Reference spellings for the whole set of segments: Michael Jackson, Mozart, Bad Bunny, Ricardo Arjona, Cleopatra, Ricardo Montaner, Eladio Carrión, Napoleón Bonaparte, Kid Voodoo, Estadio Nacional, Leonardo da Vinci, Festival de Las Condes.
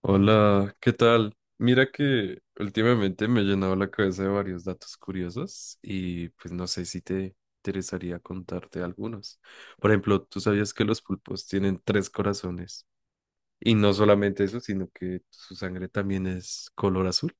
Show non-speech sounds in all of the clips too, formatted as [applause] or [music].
Hola, ¿qué tal? Mira que últimamente me he llenado la cabeza de varios datos curiosos y pues no sé si te interesaría contarte algunos. Por ejemplo, ¿tú sabías que los pulpos tienen tres corazones? Y no solamente eso, sino que su sangre también es color azul.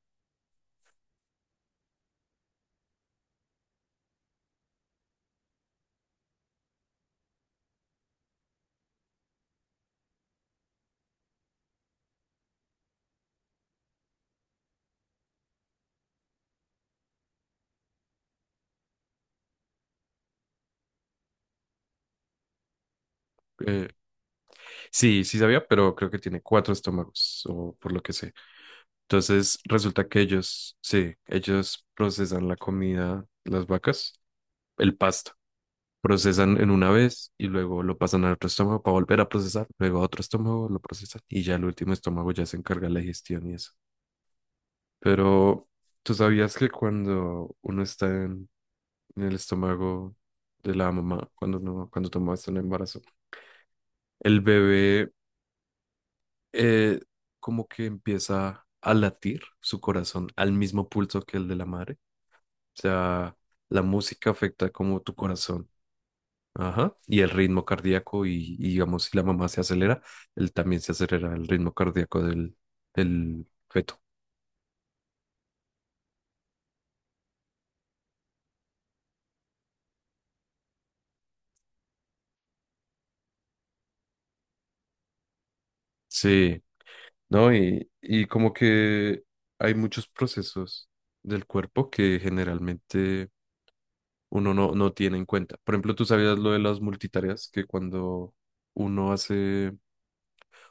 Eh, sí, sí sabía, pero creo que tiene cuatro estómagos o por lo que sé. Entonces resulta que ellos, sí, ellos procesan la comida, las vacas, el pasto. Procesan en una vez y luego lo pasan a otro estómago para volver a procesar, luego a otro estómago lo procesan y ya el último estómago ya se encarga de la digestión y eso. Pero tú sabías que cuando uno está en el estómago de la mamá, cuando tomas un embarazo, el bebé eh, como que empieza a latir su corazón al mismo pulso que el de la madre. O sea, la música afecta como tu corazón. Ajá. Y el ritmo cardíaco y, digamos, si la mamá se acelera, él también se acelera el ritmo cardíaco del feto. Sí, ¿no? Y como que hay muchos procesos del cuerpo que generalmente uno no tiene en cuenta. Por ejemplo, tú sabías lo de las multitareas, que cuando uno hace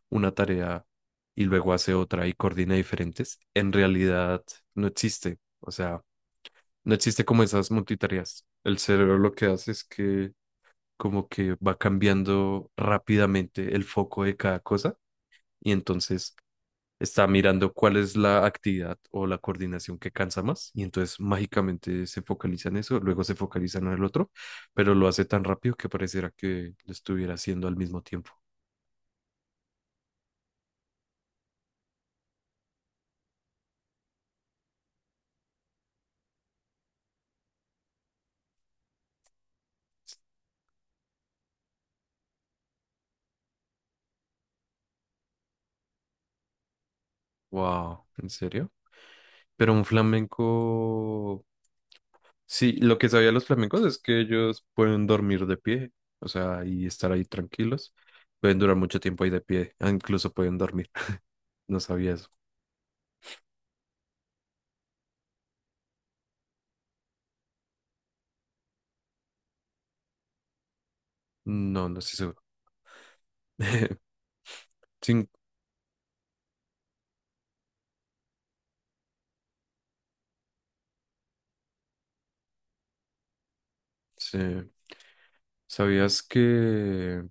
una tarea y luego hace otra y coordina diferentes, en realidad no existe. O sea, no existe como esas multitareas. El cerebro lo que hace es que como que va cambiando rápidamente el foco de cada cosa y entonces está mirando cuál es la actividad o la coordinación que cansa más y entonces mágicamente se focaliza en eso, luego se focaliza en el otro, pero lo hace tan rápido que pareciera que lo estuviera haciendo al mismo tiempo. Wow, ¿en serio? Pero un flamenco Sí, lo que sabía los flamencos es que ellos pueden dormir de pie, o sea, y estar ahí tranquilos. Pueden durar mucho tiempo ahí de pie, incluso pueden dormir. [laughs] No sabía eso. No, no estoy seguro. [laughs] Sin- sí. ¿Sabías que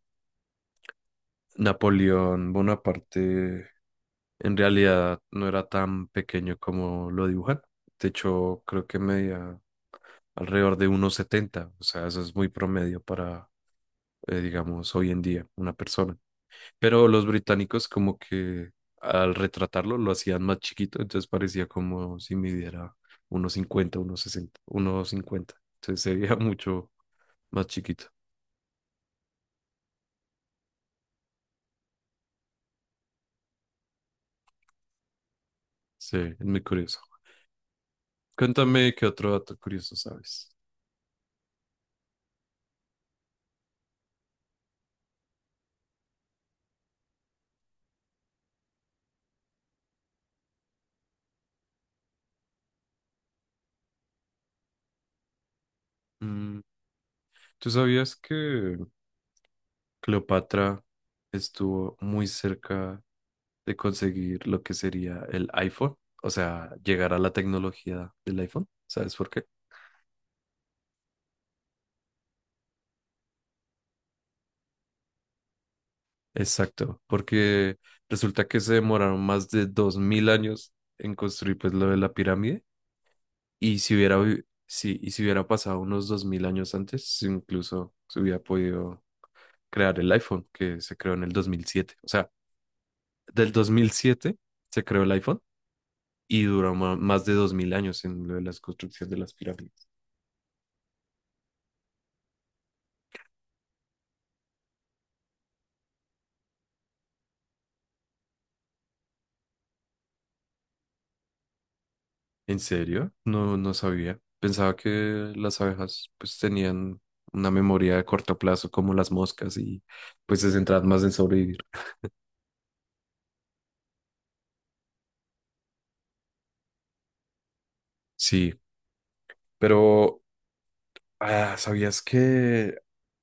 Napoleón Bonaparte en realidad no era tan pequeño como lo dibujan? De hecho, creo que medía alrededor de 1,70, o sea, eso es muy promedio para, digamos, hoy en día una persona. Pero los británicos como que al retratarlo lo hacían más chiquito, entonces parecía como si midiera unos cincuenta. Entonces se veía [laughs] mucho más chiquito. Sí, es muy curioso. Cuéntame qué otro dato curioso sabes. Mm, ¿Tú sabías que Cleopatra estuvo muy cerca de conseguir lo que sería el iPhone? O sea, llegar a la tecnología del iPhone. ¿Sabes por qué? Exacto, porque resulta que se demoraron más de 2.000 años en construir pues lo de la pirámide y si hubiera vi- sí, y si hubiera pasado unos 2.000 años antes, incluso se hubiera podido crear el iPhone que se creó en el 2007. O sea, del 2007 se creó el iPhone y duró más de 2.000 años en lo de las construcciones de las pirámides. ¿En serio? No, no sabía. Pensaba que las abejas pues tenían una memoria de corto plazo como las moscas y pues se centraban más en sobrevivir. Sí, pero ¿sabías que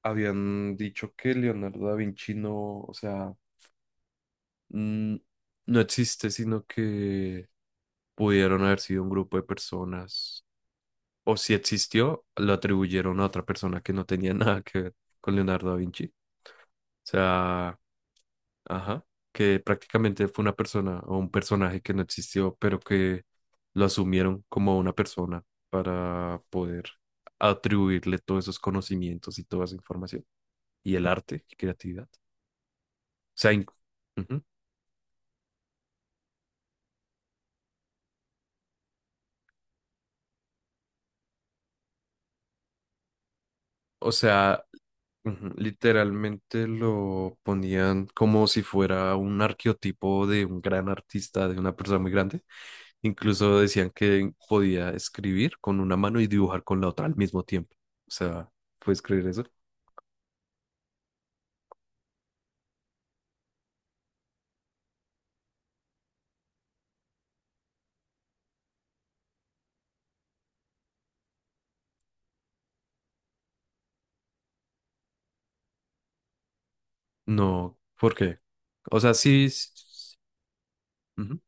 habían dicho que Leonardo da Vinci no, o sea, mm, no existe, sino que pudieron haber sido un grupo de personas, o si existió, lo atribuyeron a otra persona que no tenía [laughs] nada que ver con Leonardo da Vinci? O sea, ajá, que prácticamente fue una persona o un personaje que no existió, pero que lo asumieron como una persona para poder atribuirle todos esos conocimientos y toda esa información y el arte y creatividad. Sea, in- O sea, ujú, literalmente lo ponían como si fuera un arqueotipo de un gran artista, de una persona muy grande. Incluso decían que podía escribir con una mano y dibujar con la otra al mismo tiempo. O sea, ¿puedes creer eso? No, ¿por qué? O sea, sí. Ujú.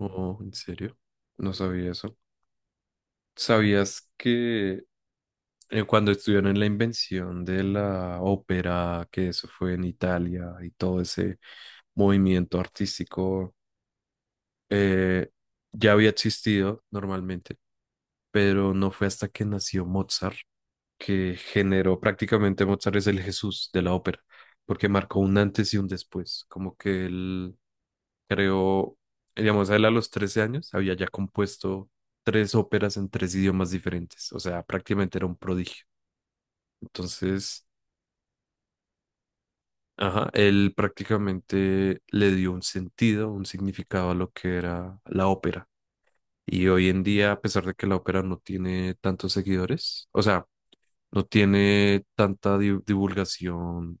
Oh, ¿en serio? No sabía eso. ¿Sabías que cuando estuvieron en la invención de la ópera, que eso fue en Italia y todo ese movimiento artístico, eh, ya había existido normalmente, pero no fue hasta que nació Mozart que generó prácticamente Mozart es el Jesús de la ópera, porque marcó un antes y un después, como que él creó, digamos, él a los 13 años había ya compuesto tres óperas en tres idiomas diferentes, o sea, prácticamente era un prodigio. Entonces, ajá, él prácticamente le dio un sentido, un significado a lo que era la ópera. Y hoy en día, a pesar de que la ópera no tiene tantos seguidores, o sea, no tiene tanta divulgación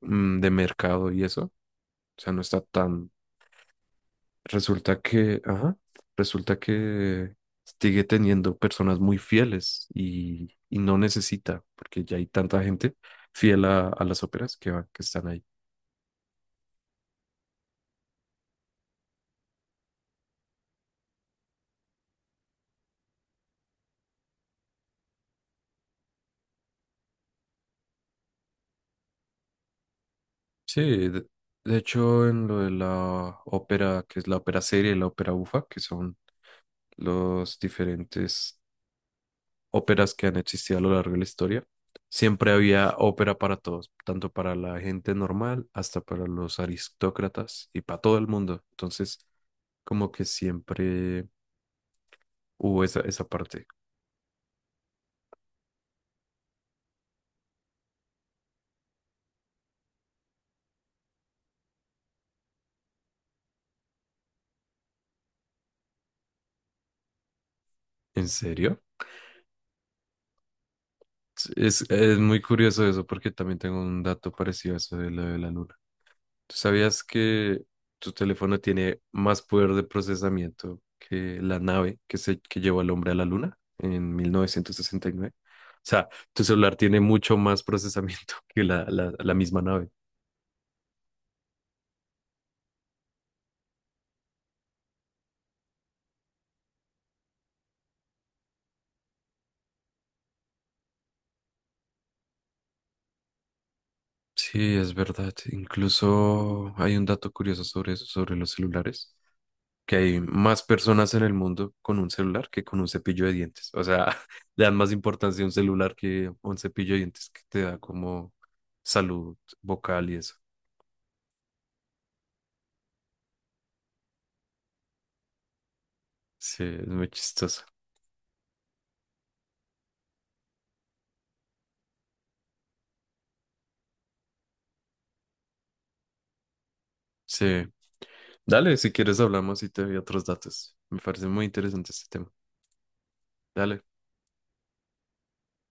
de mercado y eso, o sea, no está tan. Ajá, resulta que sigue teniendo personas muy fieles y no necesita, porque ya hay tanta gente fiel a las óperas que están ahí. Sí, de hecho en lo de la ópera, que es la ópera serie y la ópera bufa, que son los diferentes óperas que han existido a lo largo de la historia, siempre había ópera para todos, tanto para la gente normal hasta para los aristócratas y para todo el mundo. Entonces, como que siempre hubo esa parte. ¿En serio? Es muy curioso eso porque también tengo un dato parecido a eso de lo de la luna. ¿Tú sabías que tu teléfono tiene más poder de procesamiento que la nave que llevó al hombre a la luna en 1969? O sea, tu celular tiene mucho más procesamiento [laughs] que la misma nave. Sí, es verdad. Incluso hay un dato curioso sobre eso, sobre los celulares, que hay más personas en el mundo con un celular que con un cepillo de dientes. O sea, [laughs] le dan más importancia a un celular que a un cepillo de dientes que te da como salud vocal y eso. Sí, es muy chistoso. Sí. Dale, si quieres hablamos y te doy otros datos. Me parece muy interesante este tema. Dale.